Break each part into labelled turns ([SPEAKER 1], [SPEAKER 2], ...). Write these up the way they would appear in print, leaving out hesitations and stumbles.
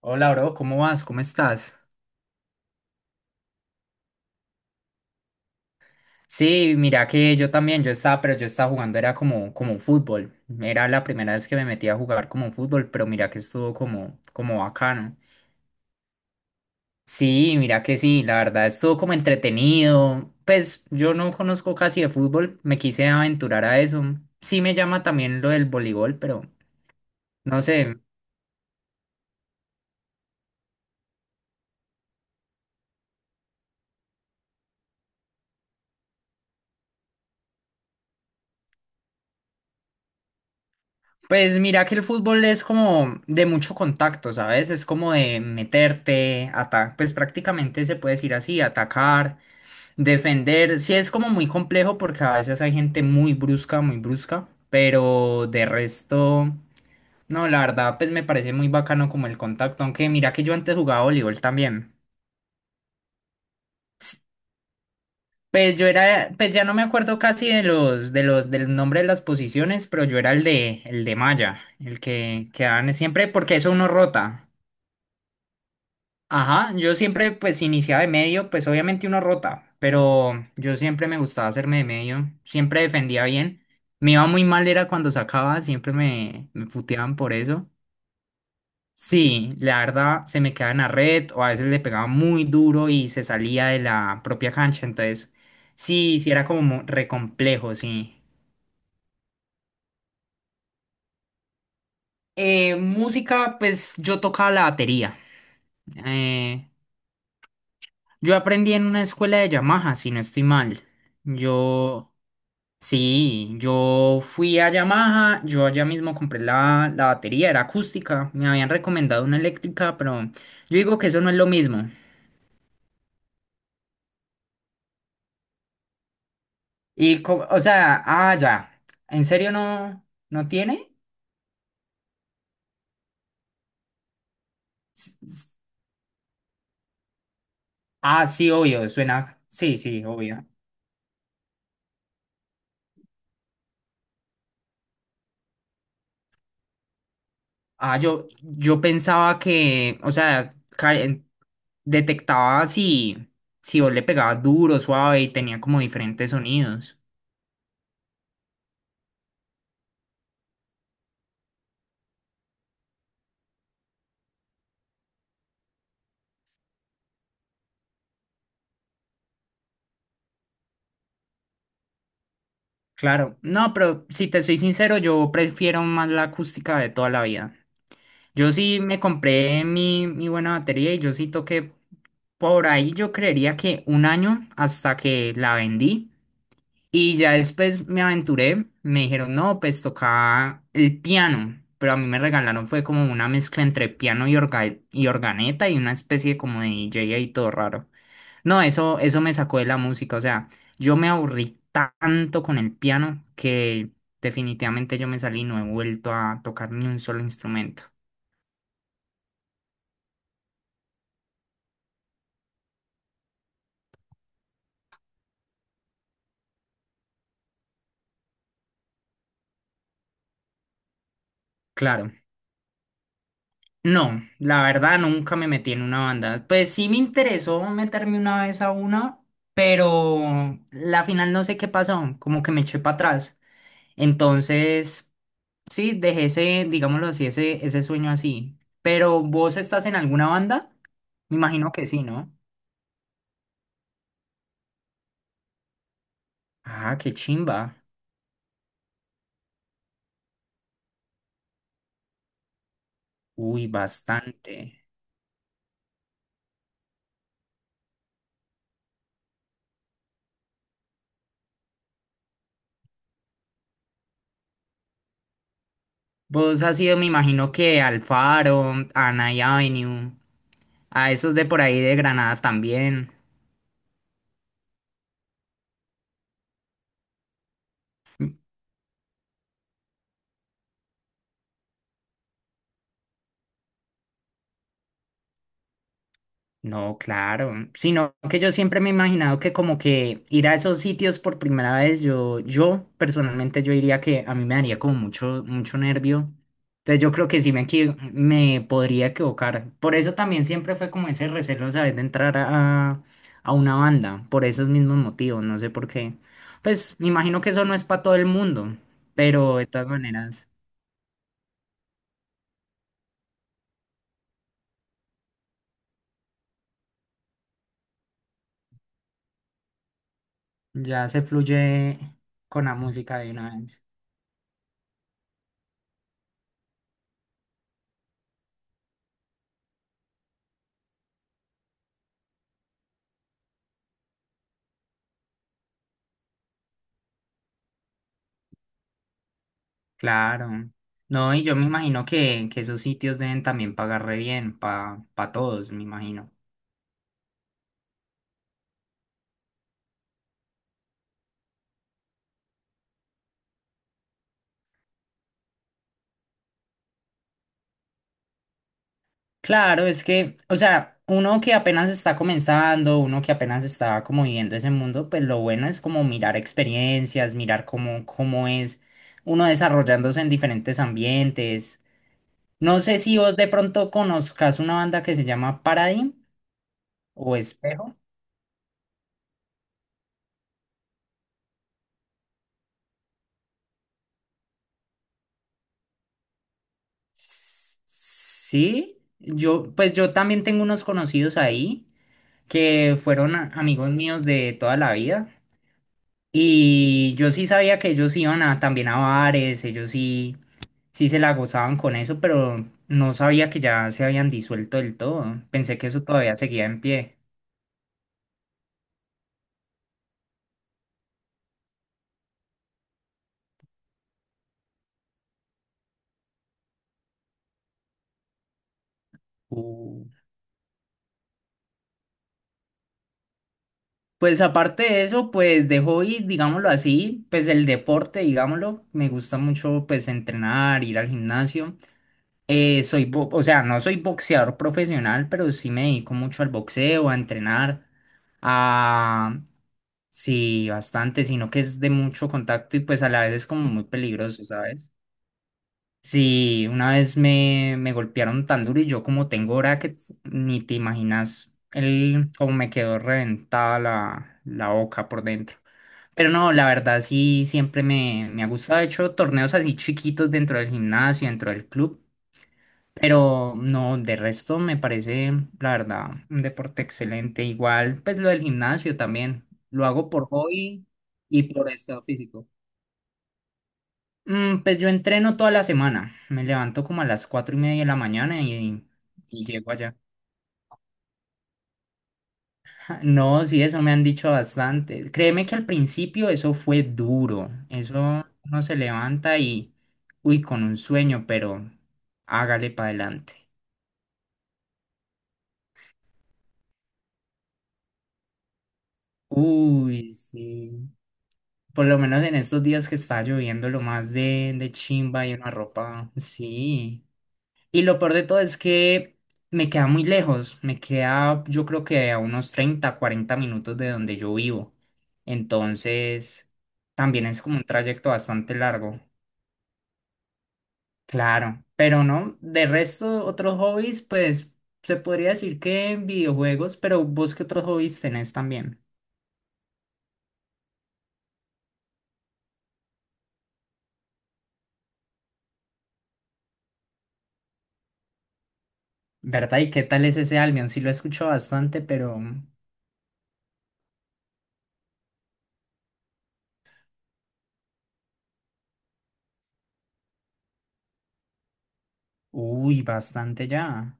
[SPEAKER 1] Hola, bro, ¿cómo vas? ¿Cómo estás? Sí, mira que yo también, yo estaba, pero yo estaba jugando, era como fútbol. Era la primera vez que me metí a jugar como fútbol, pero mira que estuvo como bacano. Sí, mira que sí, la verdad estuvo como entretenido. Pues yo no conozco casi de fútbol, me quise aventurar a eso. Sí me llama también lo del voleibol, pero no sé. Pues mira que el fútbol es como de mucho contacto, ¿sabes? Es como de meterte, atacar, pues prácticamente se puede decir así, atacar. Defender, sí es como muy complejo porque a veces hay gente muy brusca, pero de resto, no, la verdad, pues me parece muy bacano como el contacto, aunque mira que yo antes jugaba voleibol también. S- Pues yo era, pues ya no me acuerdo casi de los, del nombre de las posiciones, pero yo era el de malla, el que quedaban siempre, porque eso uno rota. Ajá, yo siempre pues iniciaba de medio, pues obviamente uno rota, pero yo siempre me gustaba hacerme de medio, siempre defendía bien. Me iba muy mal era cuando sacaba, siempre me puteaban por eso. Sí, la verdad se me quedaba en la red o a veces le pegaba muy duro y se salía de la propia cancha, entonces sí, sí era como re complejo, sí. Música, pues yo tocaba la batería. Eh, yo aprendí en una escuela de Yamaha, si no estoy mal. Yo... Sí, yo fui a Yamaha, yo allá mismo compré la batería, era acústica, me habían recomendado una eléctrica, pero yo digo que eso no es lo mismo. O sea, ah, ya, ¿en serio no tiene? S- s- Ah, sí, obvio, suena, sí, sí, obvio. Ah, yo pensaba que, o sea, detectaba si vos le pegabas duro, suave y tenía como diferentes sonidos. Claro, no, pero si te soy sincero, yo prefiero más la acústica de toda la vida. Yo sí me compré mi buena batería y yo sí toqué por ahí, yo creería que un año hasta que la vendí. Y ya después me aventuré, me dijeron, no, pues tocaba el piano, pero a mí me regalaron fue como una mezcla entre piano y organeta y una especie como de DJ ahí todo raro. No, eso me sacó de la música, o sea. Yo me aburrí tanto con el piano que definitivamente yo me salí y no he vuelto a tocar ni un solo instrumento. Claro, no, la verdad nunca me metí en una banda. Pues sí me interesó meterme una vez a una, pero la final no sé qué pasó, como que me eché para atrás. Entonces, sí, dejé ese, digámoslo así, ese sueño así. Pero ¿vos estás en alguna banda? Me imagino que sí, ¿no? Ah, qué chimba. Uy, bastante. Vos has ido, me imagino que al Faro, a Night Avenue, a esos de por ahí de Granada también. No, claro, sino que yo siempre me he imaginado que como que ir a esos sitios por primera vez, yo personalmente yo diría que a mí me daría como mucho, mucho nervio. Entonces yo creo que sí me podría equivocar. Por eso también siempre fue como ese recelo, ¿sabes? De entrar a una banda, por esos mismos motivos, no sé por qué. Pues me imagino que eso no es para todo el mundo, pero de todas maneras ya se fluye con la música de una vez. Claro. No, y yo me imagino que esos sitios deben también pagar re bien para pa todos, me imagino. Claro, es que, o sea, uno que apenas está comenzando, uno que apenas está como viviendo ese mundo, pues lo bueno es como mirar experiencias, mirar cómo es uno desarrollándose en diferentes ambientes. No sé si vos de pronto conozcas una banda que se llama Paradigm o Espejo. Sí, yo, pues yo también tengo unos conocidos ahí, que fueron amigos míos de toda la vida. Y yo sí sabía que ellos iban también a bares, ellos sí, sí se la gozaban con eso, pero no sabía que ya se habían disuelto del todo. Pensé que eso todavía seguía en pie. Uh. Pues aparte de eso, pues de hobby, digámoslo así, pues el deporte, digámoslo, me gusta mucho pues entrenar, ir al gimnasio. O sea, no soy boxeador profesional, pero sí me dedico mucho al boxeo, a entrenar, a, Sí, bastante, sino que es de mucho contacto y pues a la vez es como muy peligroso, ¿sabes? Sí, una vez me golpearon tan duro y yo como tengo brackets, ni te imaginas el como me quedó reventada la boca por dentro. Pero no, la verdad sí, siempre me ha gustado. He hecho torneos así chiquitos dentro del gimnasio, dentro del club. Pero no, de resto me parece, la verdad, un deporte excelente. Igual, pues lo del gimnasio también. Lo hago por hobby y por estado físico. Mm, pues yo entreno toda la semana. Me levanto como a las 4:30 de la mañana y llego allá. No, sí, eso me han dicho bastante. Créeme que al principio eso fue duro. Eso uno se levanta y, uy, con un sueño, pero hágale para adelante. Uy, sí. Por lo menos en estos días que está lloviendo, lo más de chimba y una ropa. Sí. Y lo peor de todo es que me queda muy lejos. Me queda, yo creo que a unos 30 40 minutos de donde yo vivo. Entonces, también es como un trayecto bastante largo. Claro. Pero no, de resto, otros hobbies, pues se podría decir que videojuegos, pero vos qué otros hobbies tenés también. ¿Verdad? ¿Y qué tal es ese Albion? Sí lo escucho bastante, pero. Uy, bastante ya.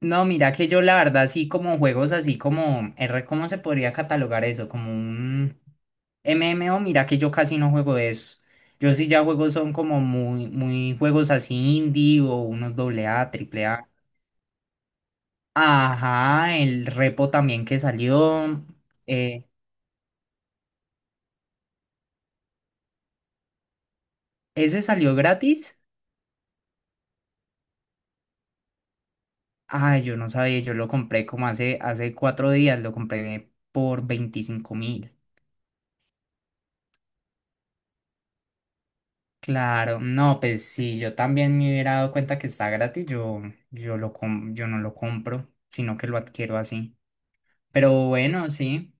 [SPEAKER 1] No, mira que yo la verdad sí como juegos así como R, ¿cómo se podría catalogar eso? Como un MMO, mira que yo casi no juego de eso. Yo sí ya juego son como muy, muy juegos así indie o unos doble A, triple A. Ajá, el repo también que salió. eh, ¿Ese salió gratis? Ay, yo no sabía, yo lo compré como hace 4 días, lo compré por 25.000. Claro, no, pues si yo también me hubiera dado cuenta que está gratis, yo no lo compro, sino que lo adquiero así. Pero bueno, sí,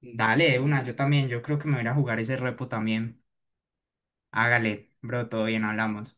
[SPEAKER 1] dale de una, yo también, yo creo que me voy a ir a jugar ese repo también. Hágale, bro, todo bien, hablamos.